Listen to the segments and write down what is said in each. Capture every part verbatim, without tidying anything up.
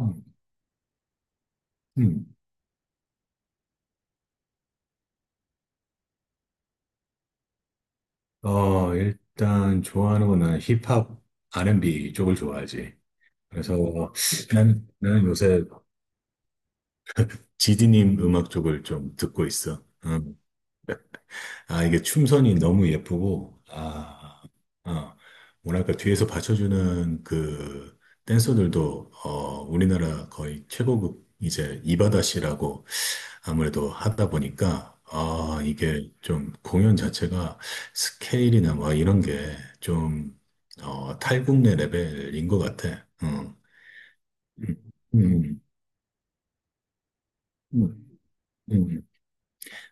음, 음. 어, 일단 좋아하는 거는 힙합, 알앤비 쪽을 좋아하지. 그래서 난, 나는 요새 지디님 음악 쪽을 좀 듣고 있어. 음. 아, 이게 춤선이 너무 예쁘고, 아, 어, 뭐랄까, 뒤에서 받쳐주는 그 댄서들도, 어, 우리나라 거의 최고급 이제 이바다 씨라고 아무래도 하다 보니까, 아, 이게 좀 공연 자체가 스케일이나 막 이런 게 좀, 어, 탈국내 레벨인 것 같아. 어. 음, 음, 음, 음.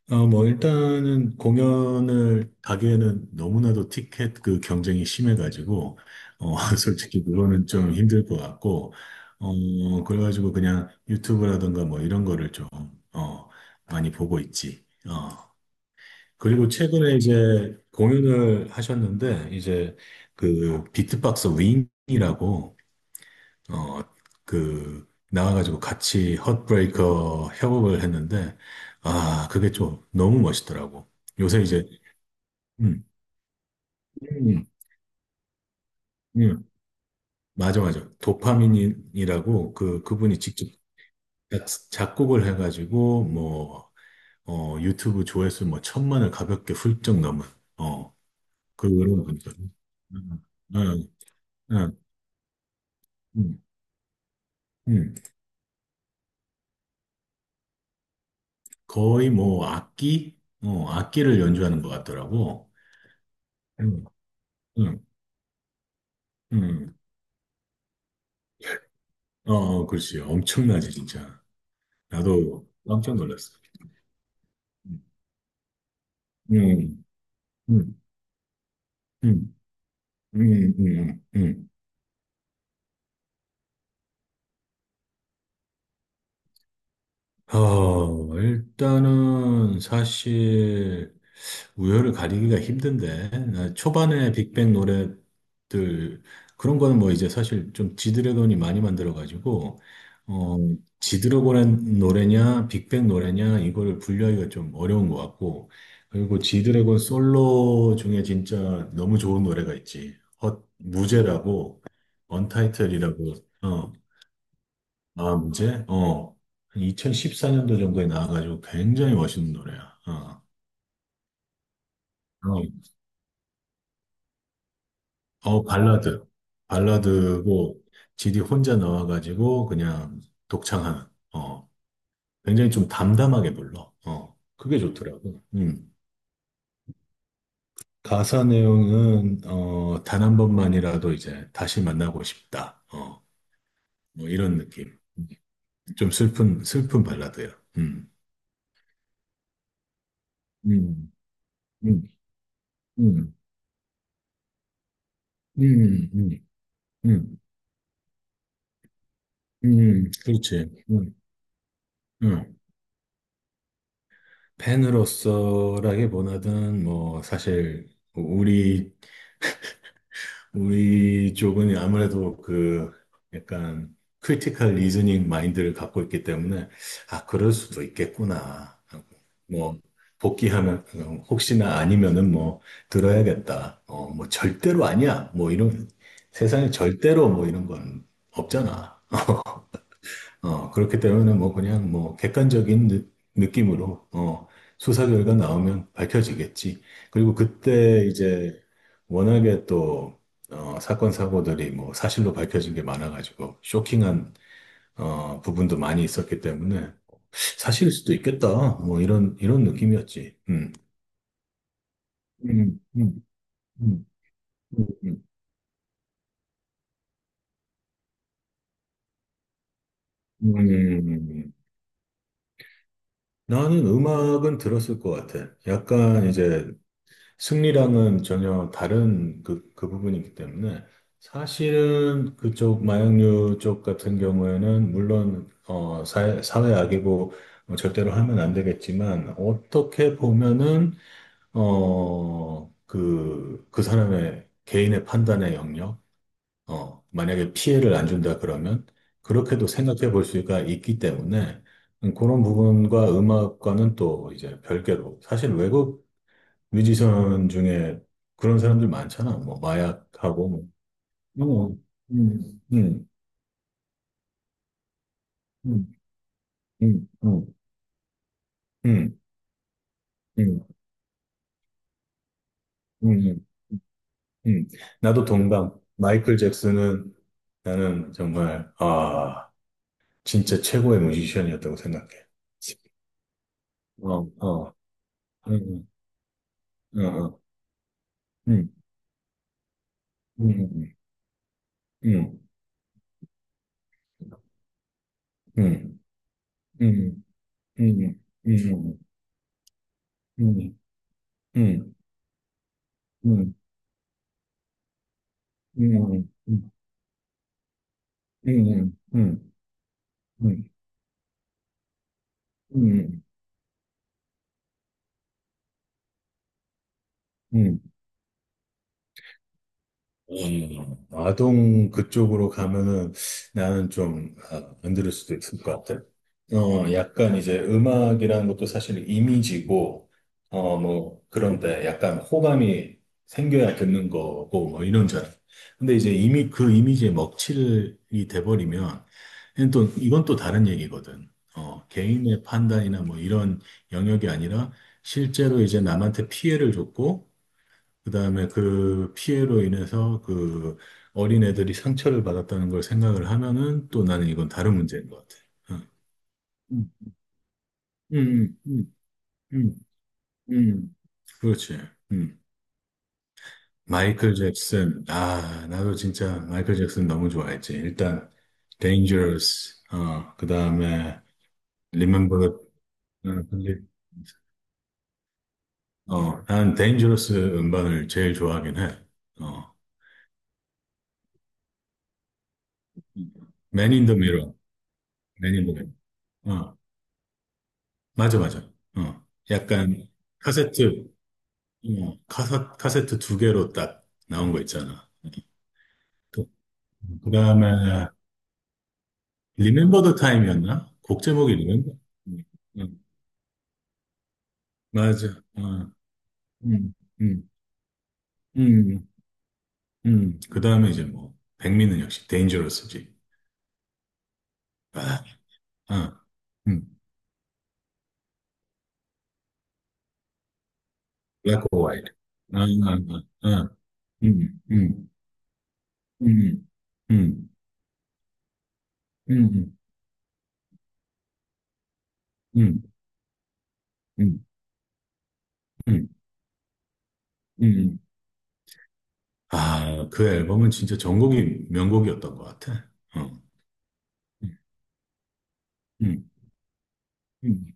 아, 뭐, 일단은 공연을 가기에는 너무나도 티켓 그 경쟁이 심해가지고, 어, 솔직히 그거는 좀 힘들 것 같고, 어, 그래가지고 그냥 유튜브라든가 뭐 이런 거를 좀, 어, 많이 보고 있지. 어. 그리고 최근에 이제 공연을 하셨는데, 이제 그 비트박스 윙이라고, 어, 그, 나와가지고 같이 헛브레이커 협업을 했는데, 아, 그게 좀 너무 멋있더라고. 요새 이제, 음, 음, 음, 맞아, 맞아. 도파민이라고 그, 그분이 직접 작- 작곡을 해가지고, 뭐, 어, 유튜브 조회수 뭐 천만을 가볍게 훌쩍 넘은, 어, 그런 분이거든. 음, 음, 음. 음. 음, 거의 뭐 악기, 어, 악기를 연주하는 것 같더라고. 음, 음, 음. 어, 어, 그렇지. 엄청나지, 진짜. 나도 깜짝 놀랐어. 음, 음, 음, 음, 음, 음, 음. 어, 일단은 사실 우열을 가리기가 힘든데 나 초반에 빅뱅 노래들 그런 거는 뭐 이제 사실 좀 지드래곤이 많이 만들어가지고 어 지드래곤의 노래냐 빅뱅 노래냐 이거를 분류하기가 좀 어려운 것 같고, 그리고 지드래곤 솔로 중에 진짜 너무 좋은 노래가 있지. 헛 무제라고, 언타이틀이라고. 아, 문제? 어. 한 이천십사 년도 정도에 나와가지고 굉장히 멋있는 노래야. 어. 어, 어, 발라드. 발라드고, 지디 혼자 나와가지고 그냥 독창하는. 어. 굉장히 좀 담담하게 불러. 어. 그게 좋더라고. 음. 가사 내용은, 어, 단 한 번만이라도 이제 다시 만나고 싶다. 어. 뭐 이런 느낌. 좀 슬픈, 슬픈 발라드야. 음. 음. 음. 음. 음. 음. 음. 음, 그렇지. 음, 음. 팬으로서라기보다는 뭐 사실 우리 우리 쪽은 아무래도 그 약간 크리티컬 리즈닝 마인드를 갖고 있기 때문에 아 그럴 수도 있겠구나 하고 뭐 복귀하면, 어, 혹시나 아니면은 뭐 들어야겠다, 어, 뭐 절대로 아니야, 뭐 이런 세상에 절대로 뭐 이런 건 없잖아. 어, 그렇기 때문에 뭐 그냥 뭐 객관적인 느, 느낌으로, 어, 수사 결과 나오면 밝혀지겠지. 그리고 그때 이제 워낙에 또 어, 사건 사고들이 뭐 사실로 밝혀진 게 많아가지고 쇼킹한, 어, 부분도 많이 있었기 때문에 사실일 수도 있겠다, 뭐 이런 이런 느낌이었지. 음. 음, 음, 음, 음, 음. 음. 나는 음악은 들었을 것 같아. 약간 이제 승리랑은 전혀 다른 그, 그 부분이기 때문에. 사실은 그쪽 마약류 쪽 같은 경우에는 물론, 어, 사회, 사회 악이고, 어, 절대로 하면 안 되겠지만 어떻게 보면은, 어, 그, 그 사람의 개인의 판단의 영역, 어, 만약에 피해를 안 준다 그러면 그렇게도 생각해 볼 수가 있기 때문에. 그런 부분과 음악과는 또 이제 별개로, 사실 외국 뮤지션 중에 그런 사람들 많잖아. 뭐 마약하고 뭐. 뭐, 음, 음, 음, 음, 음, 음, 음, 음, 음. 나도 동감. 마이클 잭슨은 나는 정말 아 진짜 최고의 뮤지션이었다고 생각해. 어, 어, 음, 음, 어, 음, 음, 음, 음, 음, 음, 음, 음, 음, 음, 음, 음, 음, 음, 음, 음, 음, 음, 음, 음, 음, 음. 음, 아동 그쪽으로 가면은 나는 좀, 아, 안 들을 수도 있을 것 같아. 어, 약간 이제 음악이라는 것도 사실 이미지고, 어, 뭐, 그런데 약간 호감이 생겨야 듣는 거고, 뭐, 이런 줄 알아. 근데 이제 이미 그 이미지에 먹칠이 돼버리면, 이건 또, 이건 또 다른 얘기거든. 어, 개인의 판단이나 뭐 이런 영역이 아니라 실제로 이제 남한테 피해를 줬고, 그다음에 그 피해로 인해서 그 어린애들이 상처를 받았다는 걸 생각을 하면은 또, 나는 이건 다른 문제인 것 같아. 응. 음, 음, 음, 음, 음. 그렇지. 음. 마이클 잭슨. 아, 나도 진짜 마이클 잭슨 너무 좋아했지. 일단 Dangerous. 어, 그다음에 Remember the, 어, 근데, 어, 난 Dangerous 음반을 제일 좋아하긴 해. 어. Man in the Mirror. Man in the Mirror. 어. 맞아, 맞아. 어, 약간 카세트, 어, 카사, 카세트 두 개로 딱 나온 거 있잖아. 그 다음에 리멤버 더 타임이었나? 곡 제목이 리멤버? 음, 음, 맞아. 어, 음, 음, 음, 음. 그 다음에 이제 뭐 백미는 역시 데인저러스지. 아, 어, 음, 블랙 오 화이트. 아, 아, 아, 음, 음, 음, 음, 음, 음, 음, 음, 음, 음, 음, 아, 그 앨범은 진짜 전곡이 명곡이었던 것 같아. 어. 음, 음, 음,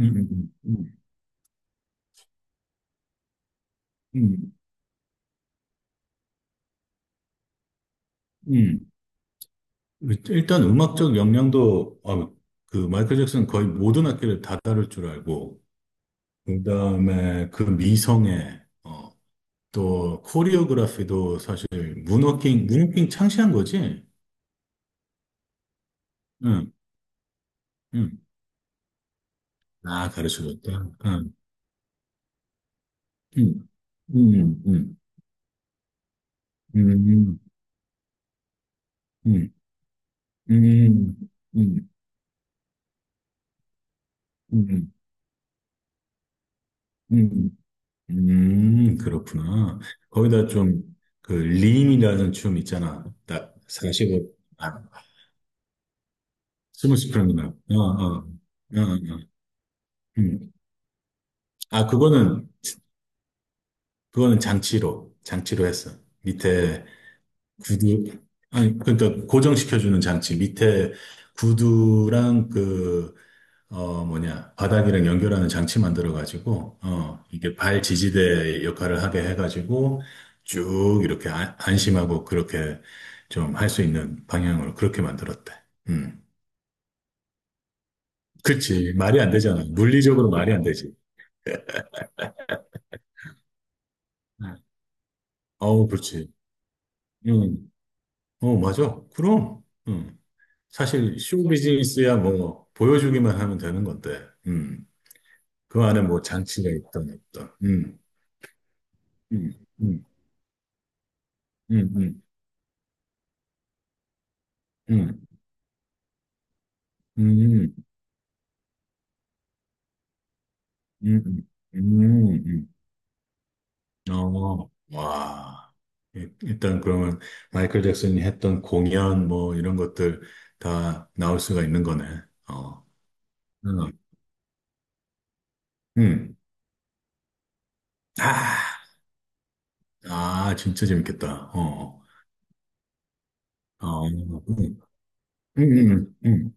음, 음, 음, 음. 음. 일단 음악적 역량도, 아, 그 마이클 잭슨 거의 모든 악기를 다 다룰 줄 알고, 그다음에 그 미성에, 어, 또 코리오그라피도 사실 문워킹 문워킹 창시한 거지. 응, 응. 아 가르쳐줬다. 응, 응, 응, 응, 응, 응, 응, 응, 응, 응, 응, 응, 음, 그렇구나. 거기다 좀, 그, 림이라는 춤 있잖아. 딱, 사십오, 아, 스무스프링이나 어, 어, 어, 어. 음. 아, 그거는, 그거는 장치로, 장치로 했어. 밑에 구두, 아니, 그러니까 고정시켜주는 장치. 밑에 구두랑 그, 어, 뭐냐, 바닥이랑 연결하는 장치 만들어가지고, 어, 이게 발 지지대 역할을 하게 해가지고, 쭉 이렇게, 안, 안심하고 그렇게 좀 할 수 있는 방향으로 그렇게 만들었대. 음. 그렇지. 말이 안 되잖아. 물리적으로 말이 안 되지. 네. 어우, 그렇지. 음. 어, 맞아. 그럼. 음. 사실 쇼 비즈니스야, 뭐, 보여주기만 하면 되는 건데, 음. 그 안에 뭐 장치가 있던 없던. 음. 음. 음. 음. 음. 음. 음. 음, 음, 음. 음. 어, 와. 일- 일단 그러면 마이클 잭슨이 했던 공연 뭐 이런 것들 다 나올 수가 있는 거네. 어. 음. 음. 아, 아, 진짜 재밌겠다. 어. 어. 어, 음. 음. 음. 음.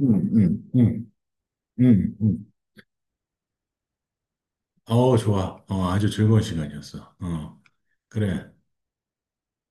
음. 음. 음. 음. 음. 어, 좋아. 어, 아주 즐거운 시간이었어. 어. 그래.